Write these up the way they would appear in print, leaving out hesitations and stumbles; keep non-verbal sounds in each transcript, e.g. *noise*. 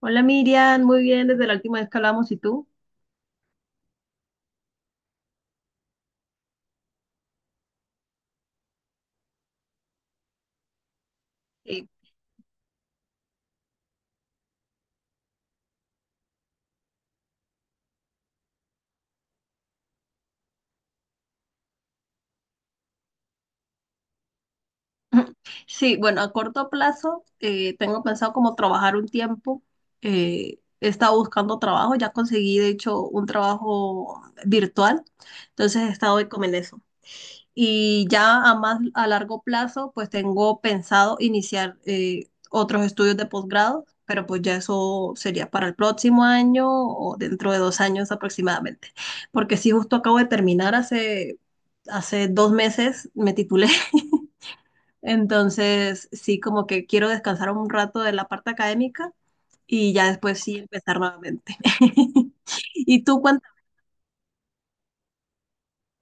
Hola Miriam, muy bien, desde la última vez que hablamos, ¿y tú? Eh, *laughs* *clears throat* sí, bueno, a corto plazo tengo pensado como trabajar un tiempo. He estado buscando trabajo, ya conseguí de hecho un trabajo virtual, entonces he estado hoy como en eso. Y ya a más a largo plazo, pues tengo pensado iniciar otros estudios de posgrado, pero pues ya eso sería para el próximo año o dentro de 2 años aproximadamente. Porque sí, justo acabo de terminar hace 2 meses, me titulé. *laughs* Entonces, sí, como que quiero descansar un rato de la parte académica y ya después sí empezar nuevamente. *laughs* ¿Y tú?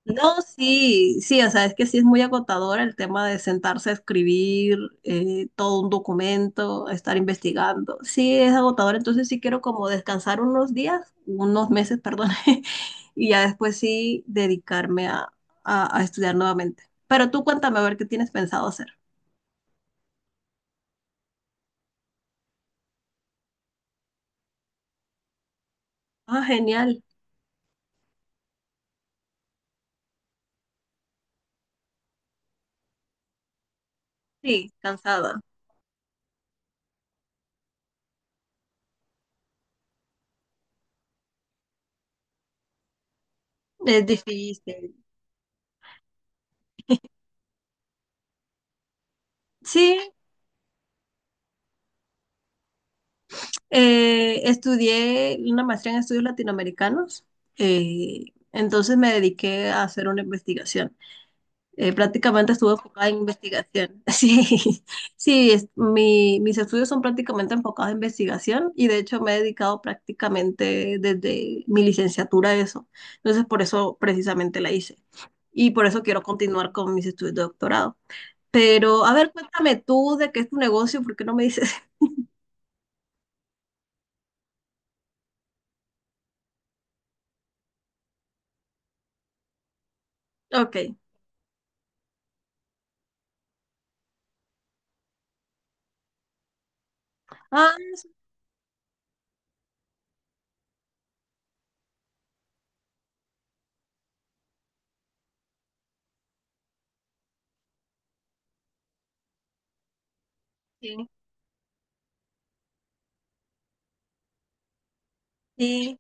No, sí, sí, o sea, es que sí es muy agotador el tema de sentarse a escribir todo un documento, estar investigando. Sí, es agotador, entonces sí quiero como descansar unos días, unos meses, perdón, *laughs* y ya después sí dedicarme a estudiar nuevamente. Pero tú cuéntame a ver qué tienes pensado hacer. Ah, genial. Sí, cansada. Es difícil. Sí. Estudié una maestría en estudios latinoamericanos, eh, entonces me dediqué a hacer una investigación. Prácticamente estuve enfocada en investigación. *laughs* Sí, sí, mis estudios son prácticamente enfocados en investigación y de hecho me he dedicado prácticamente desde mi licenciatura a eso. Entonces por eso precisamente la hice y por eso quiero continuar con mis estudios de doctorado. Pero a ver, cuéntame tú de qué es tu negocio, ¿por qué no me dices? *laughs* Ok. Ah, sí. Sí.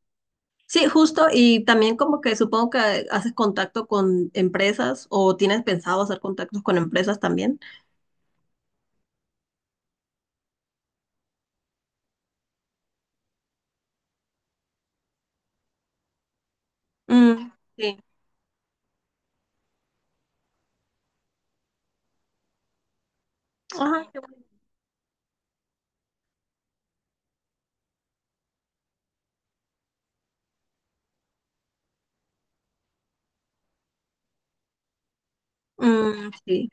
Sí, justo, y también como que supongo que haces contacto con empresas o tienes pensado hacer contactos con empresas también. Mm, sí. Ajá, qué bueno. Mm, sí.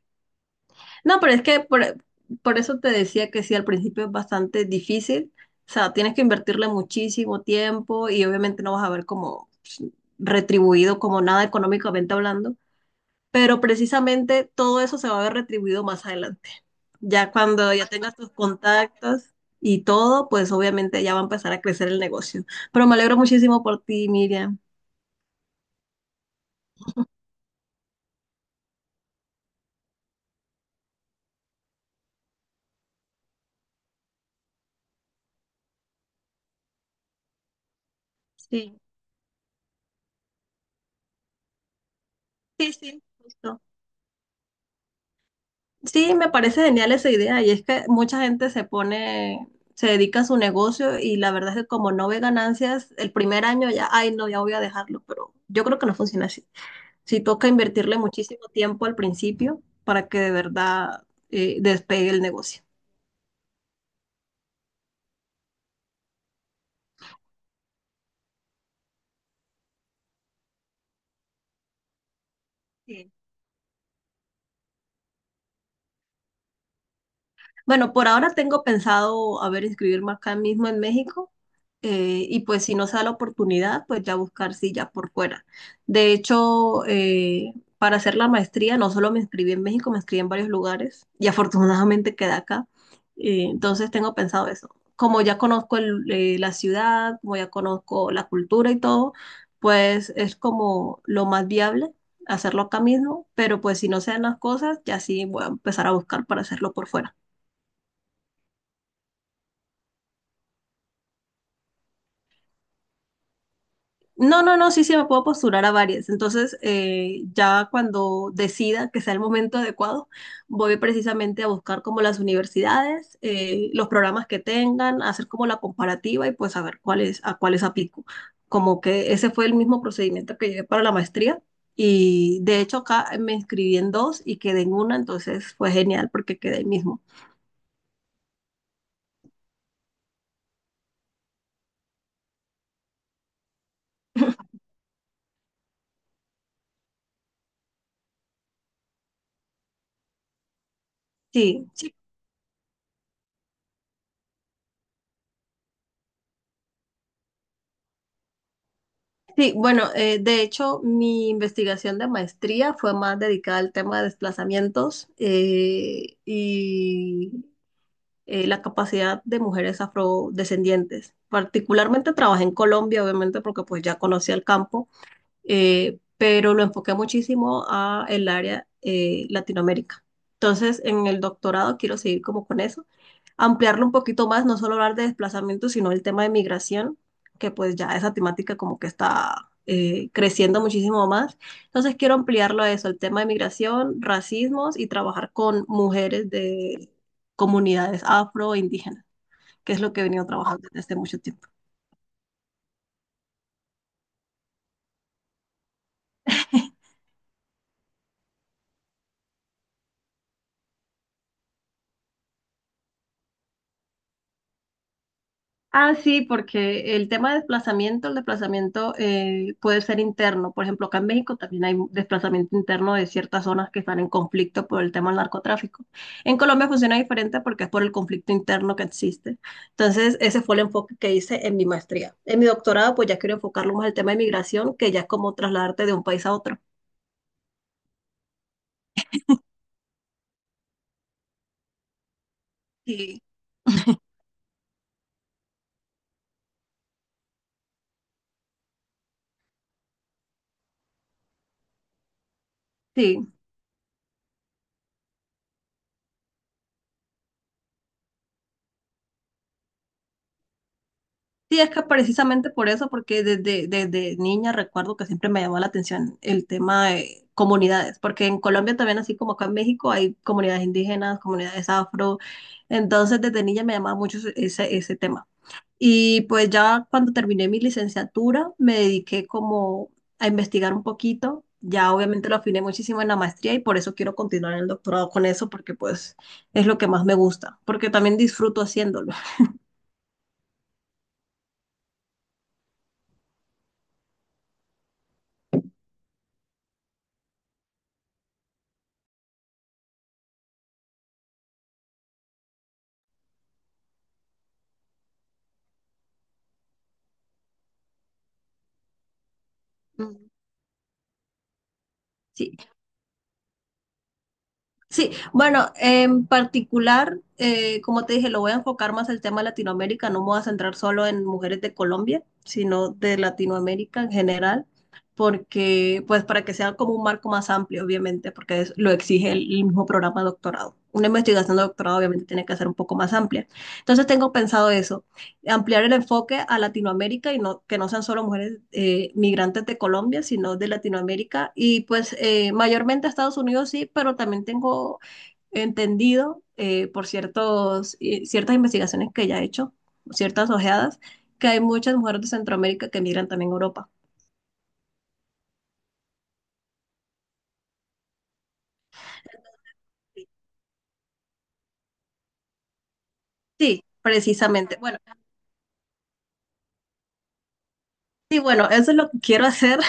No, pero es que por eso te decía que sí, al principio es bastante difícil. O sea, tienes que invertirle muchísimo tiempo y obviamente no vas a ver como pues, retribuido como nada económicamente hablando. Pero precisamente todo eso se va a ver retribuido más adelante. Ya cuando ya tengas tus contactos y todo, pues obviamente ya va a empezar a crecer el negocio. Pero me alegro muchísimo por ti, Miriam. Sí, sí, sí, justo. Sí, me parece genial esa idea y es que mucha gente se pone, se dedica a su negocio y la verdad es que como no ve ganancias, el primer año ya, ay, no, ya voy a dejarlo, pero yo creo que no funciona así. Sí toca invertirle muchísimo tiempo al principio para que de verdad despegue el negocio. Sí. Bueno, por ahora tengo pensado, a ver, inscribirme acá mismo en México y pues si no se da la oportunidad, pues ya buscar silla por fuera. De hecho, para hacer la maestría no solo me inscribí en México, me inscribí en varios lugares y afortunadamente quedé acá. Entonces tengo pensado eso. Como ya conozco la ciudad, como ya conozco la cultura y todo, pues es como lo más viable hacerlo acá mismo, pero pues si no se dan las cosas, ya sí voy a empezar a buscar para hacerlo por fuera. No, no, no, sí, sí, me puedo postular a varias. Entonces, ya cuando decida que sea el momento adecuado, voy precisamente a buscar como las universidades, los programas que tengan, hacer como la comparativa y pues saber cuáles, a cuáles aplico. Como que ese fue el mismo procedimiento que llevé para la maestría. Y de hecho acá me inscribí en dos y quedé en una, entonces fue genial porque quedé ahí mismo. Sí, sí. Sí, bueno, de hecho, mi investigación de maestría fue más dedicada al tema de desplazamientos la capacidad de mujeres afrodescendientes. Particularmente trabajé en Colombia, obviamente, porque pues ya conocía el campo pero lo enfoqué muchísimo a el área Latinoamérica. Entonces, en el doctorado quiero seguir como con eso, ampliarlo un poquito más, no solo hablar de desplazamiento, sino el tema de migración, que pues ya esa temática como que está creciendo muchísimo más. Entonces, quiero ampliarlo a eso, el tema de migración, racismos y trabajar con mujeres de comunidades afro e indígenas, que es lo que he venido trabajando desde hace mucho tiempo. Ah, sí, porque el tema de desplazamiento, el desplazamiento puede ser interno. Por ejemplo, acá en México también hay desplazamiento interno de ciertas zonas que están en conflicto por el tema del narcotráfico. En Colombia funciona diferente porque es por el conflicto interno que existe. Entonces, ese fue el enfoque que hice en mi maestría. En mi doctorado, pues ya quiero enfocarlo más al tema de migración, que ya es como trasladarte de un país a otro. Sí. Sí. Sí, es que precisamente por eso, porque desde niña recuerdo que siempre me llamó la atención el tema de comunidades, porque en Colombia también, así como acá en México, hay comunidades indígenas, comunidades afro, entonces desde niña me llamaba mucho ese tema. Y pues ya cuando terminé mi licenciatura, me dediqué como a investigar un poquito, ya obviamente lo afiné muchísimo en la maestría y por eso quiero continuar en el doctorado con eso, porque pues es lo que más me gusta, porque también disfruto haciéndolo. Mm. Sí. Sí, bueno, en particular, como te dije, lo voy a enfocar más al tema de Latinoamérica, no me voy a centrar solo en mujeres de Colombia, sino de Latinoamérica en general, porque, pues, para que sea como un marco más amplio, obviamente, porque lo exige el mismo programa de doctorado. Una investigación de doctorado, obviamente, tiene que ser un poco más amplia. Entonces, tengo pensado eso, ampliar el enfoque a Latinoamérica y no, que no sean solo mujeres migrantes de Colombia, sino de Latinoamérica. Y pues mayormente a Estados Unidos sí, pero también tengo entendido por ciertas investigaciones que ya he hecho, ciertas ojeadas, que hay muchas mujeres de Centroamérica que migran también a Europa. Sí, precisamente. Bueno, sí, bueno, eso es lo que quiero hacer.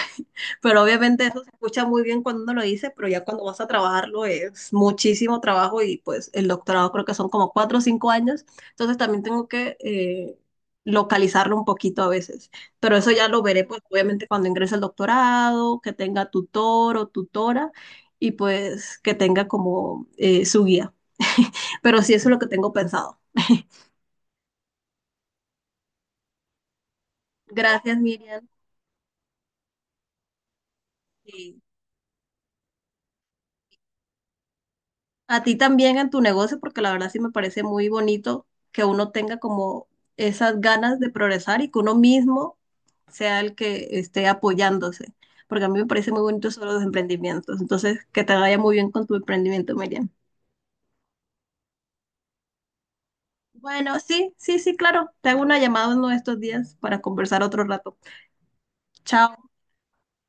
Pero obviamente eso se escucha muy bien cuando uno lo dice, pero ya cuando vas a trabajarlo es muchísimo trabajo y pues el doctorado creo que son como 4 o 5 años, entonces también tengo que localizarlo un poquito a veces, pero eso ya lo veré pues obviamente cuando ingrese al doctorado, que tenga tutor o tutora y pues que tenga como su guía, pero sí eso es lo que tengo pensado. *laughs* Gracias Miriam. Y a ti también en tu negocio, porque la verdad sí me parece muy bonito que uno tenga como esas ganas de progresar y que uno mismo sea el que esté apoyándose, porque a mí me parece muy bonito sobre los emprendimientos. Entonces, que te vaya muy bien con tu emprendimiento, Miriam. Bueno, sí, sí, sí, claro. Te hago una llamada uno de estos días para conversar otro rato. Chao.